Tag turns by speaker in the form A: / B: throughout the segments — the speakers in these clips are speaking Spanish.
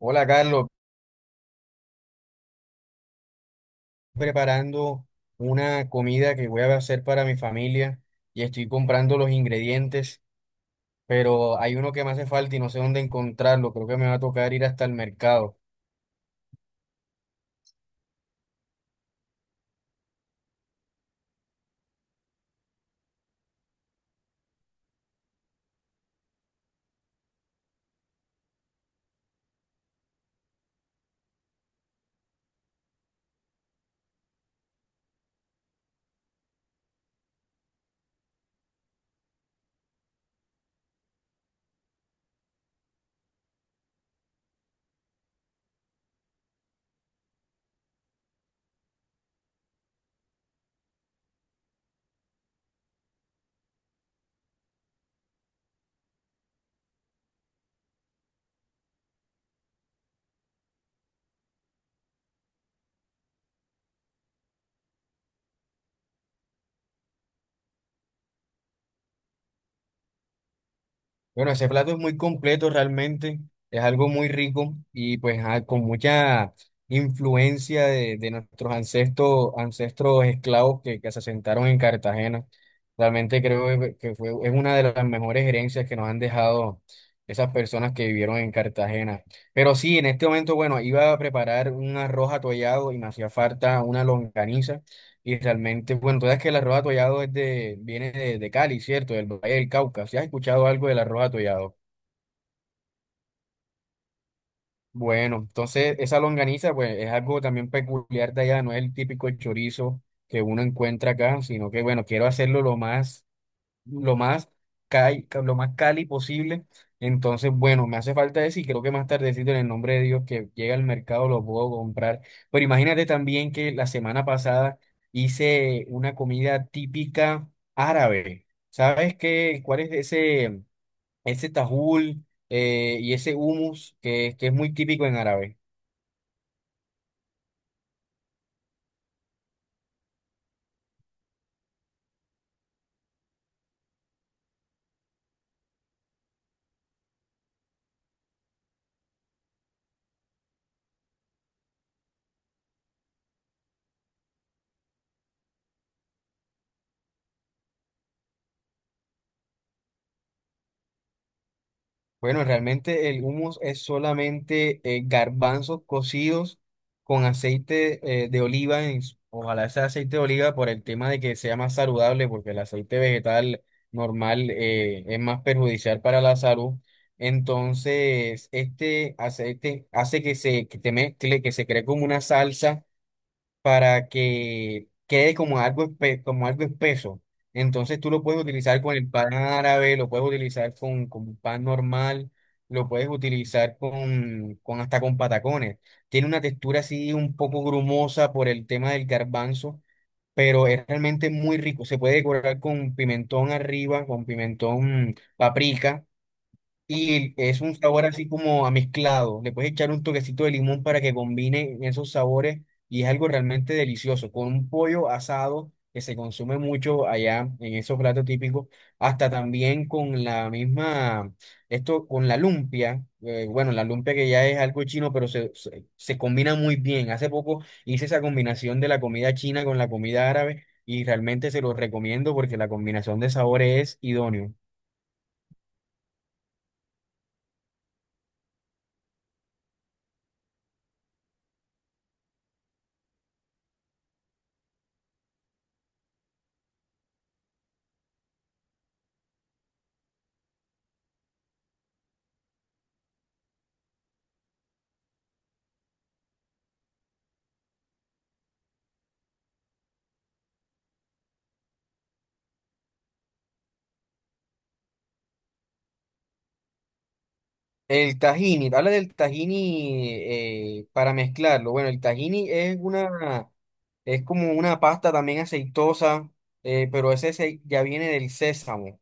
A: Hola Carlos, preparando una comida que voy a hacer para mi familia y estoy comprando los ingredientes, pero hay uno que me hace falta y no sé dónde encontrarlo. Creo que me va a tocar ir hasta el mercado. Bueno, ese plato es muy completo realmente, es algo muy rico y pues con mucha influencia de nuestros ancestros, ancestros esclavos que se asentaron en Cartagena. Realmente creo que fue, es una de las mejores herencias que nos han dejado esas personas que vivieron en Cartagena. Pero sí, en este momento, bueno, iba a preparar un arroz atollado y me hacía falta una longaniza. Y realmente, bueno, tú sabes que el arroz atollado es de, viene de Cali, ¿cierto? Del Valle del Cauca. ¿Si has escuchado algo del arroz atollado? Bueno, entonces esa longaniza, pues es algo también peculiar de allá, no es el típico chorizo que uno encuentra acá, sino que, bueno, quiero hacerlo lo más lo más cali, lo más cali posible. Entonces, bueno, me hace falta eso y creo que más tardecito en el nombre de Dios que llega al mercado lo puedo comprar. Pero imagínate también que la semana pasada hice una comida típica árabe. ¿Sabes qué? ¿Cuál es ese tajul y ese hummus que es muy típico en árabe? Bueno, realmente el hummus es solamente garbanzos cocidos con aceite de oliva. Ojalá sea aceite de oliva por el tema de que sea más saludable, porque el aceite vegetal normal es más perjudicial para la salud. Entonces, este aceite hace que se, que te mezcle, que se cree como una salsa para que quede como algo, como algo espeso. Entonces tú lo puedes utilizar con el pan árabe, lo puedes utilizar con pan normal, lo puedes utilizar con hasta con patacones. Tiene una textura así un poco grumosa por el tema del garbanzo, pero es realmente muy rico. Se puede decorar con pimentón arriba, con pimentón paprika. Y es un sabor así como amezclado. Le puedes echar un toquecito de limón para que combine esos sabores y es algo realmente delicioso. Con un pollo asado que se consume mucho allá en esos platos típicos, hasta también con la misma, esto con la lumpia. Bueno, la lumpia que ya es algo chino, pero se combina muy bien. Hace poco hice esa combinación de la comida china con la comida árabe y realmente se lo recomiendo porque la combinación de sabores es idóneo. El tahini, habla del tahini para mezclarlo. Bueno, el tahini es una, es como una pasta también aceitosa, pero ya viene del sésamo.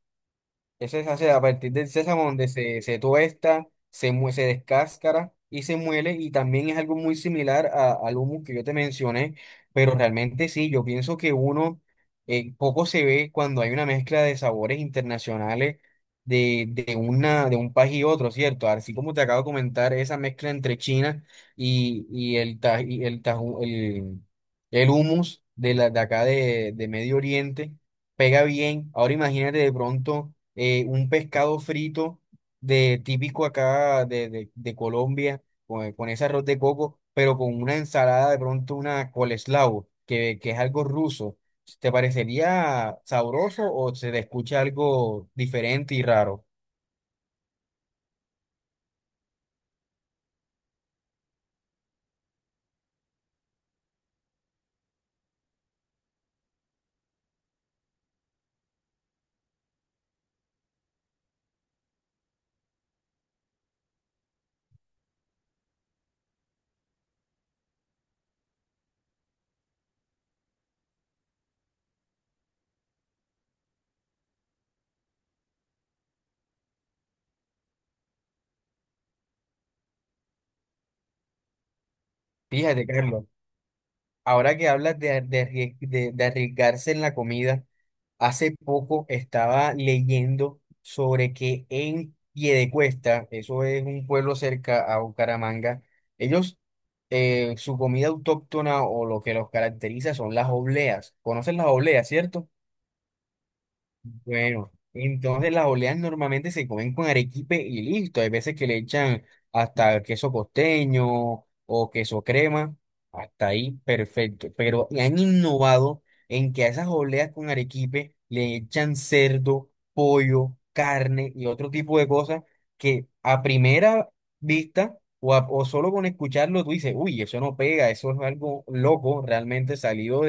A: Ese se hace a partir del sésamo donde se tuesta, se descáscara y se muele y también es algo muy similar al humus que yo te mencioné, pero realmente sí, yo pienso que uno poco se ve cuando hay una mezcla de sabores internacionales de un país y otro, ¿cierto? Así como te acabo de comentar, esa mezcla entre China y el, ta- y el, taju- el humus de acá de Medio Oriente pega bien. Ahora imagínate de pronto un pescado frito de típico acá de Colombia, con ese arroz de coco, pero con una ensalada de pronto, una coleslaw, que es algo ruso. ¿Te parecería sabroso o se te escucha algo diferente y raro? Fíjate, Carlos. Ahora que hablas de arriesgarse en la comida, hace poco estaba leyendo sobre que en Piedecuesta, eso es un pueblo cerca a Bucaramanga, ellos, su comida autóctona o lo que los caracteriza son las obleas. ¿Conocen las obleas, cierto? Bueno, entonces las oleas normalmente se comen con arequipe y listo. Hay veces que le echan hasta queso costeño o queso crema. Hasta ahí, perfecto. Pero han innovado en que a esas oleas con arequipe le echan cerdo, pollo, carne y otro tipo de cosas que a primera vista o solo con escucharlo tú dices, uy, eso no pega, eso es algo loco, realmente salido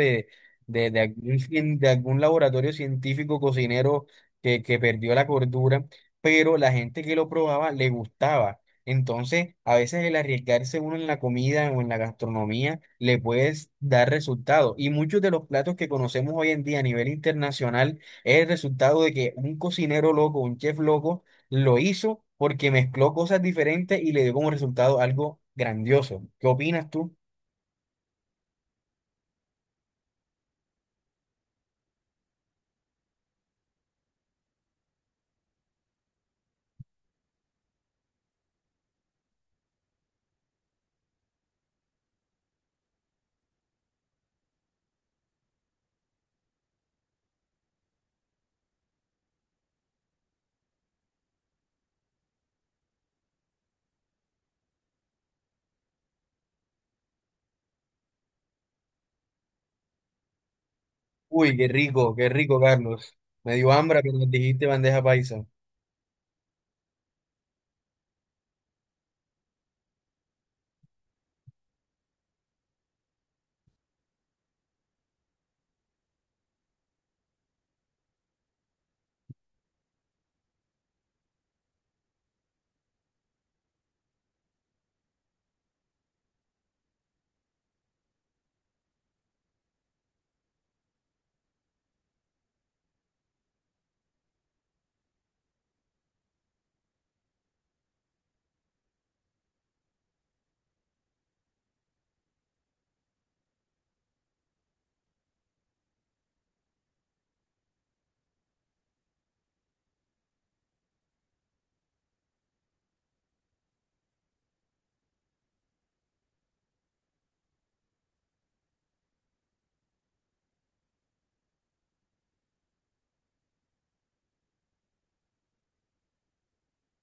A: de de algún laboratorio científico cocinero que perdió la cordura, pero la gente que lo probaba le gustaba. Entonces, a veces el arriesgarse uno en la comida o en la gastronomía le puede dar resultados. Y muchos de los platos que conocemos hoy en día a nivel internacional es el resultado de que un cocinero loco, un chef loco, lo hizo porque mezcló cosas diferentes y le dio como resultado algo grandioso. ¿Qué opinas tú? Uy, qué rico, Carlos. Me dio hambre cuando dijiste bandeja paisa.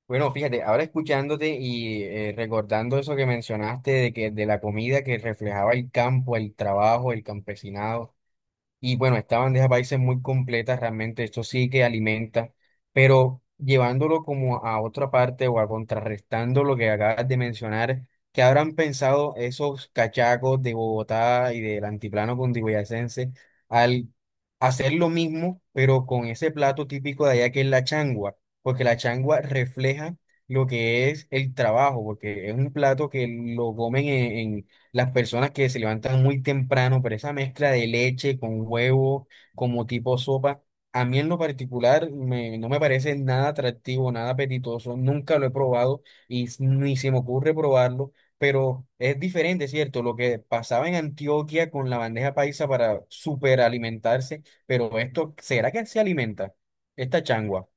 A: Bueno, fíjate, ahora escuchándote y recordando eso que mencionaste de que de la comida que reflejaba el campo, el trabajo, el campesinado. Y bueno, esta bandeja paisa es muy completa, realmente esto sí que alimenta, pero llevándolo como a otra parte o a contrarrestando lo que acabas de mencionar, ¿qué habrán pensado esos cachacos de Bogotá y del antiplano cundiboyacense al hacer lo mismo, pero con ese plato típico de allá que es la changua? Porque la changua refleja lo que es el trabajo, porque es un plato que lo comen las personas que se levantan muy temprano, pero esa mezcla de leche con huevo como tipo sopa, a mí en lo particular no me parece nada atractivo, nada apetitoso, nunca lo he probado ni se me ocurre probarlo, pero es diferente, ¿cierto? Lo que pasaba en Antioquia con la bandeja paisa para superalimentarse, pero esto, ¿será que se alimenta? Esta changua.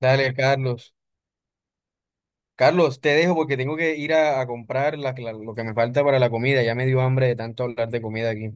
A: Dale, Carlos. Carlos, te dejo porque tengo que ir a comprar lo que me falta para la comida. Ya me dio hambre de tanto hablar de comida aquí.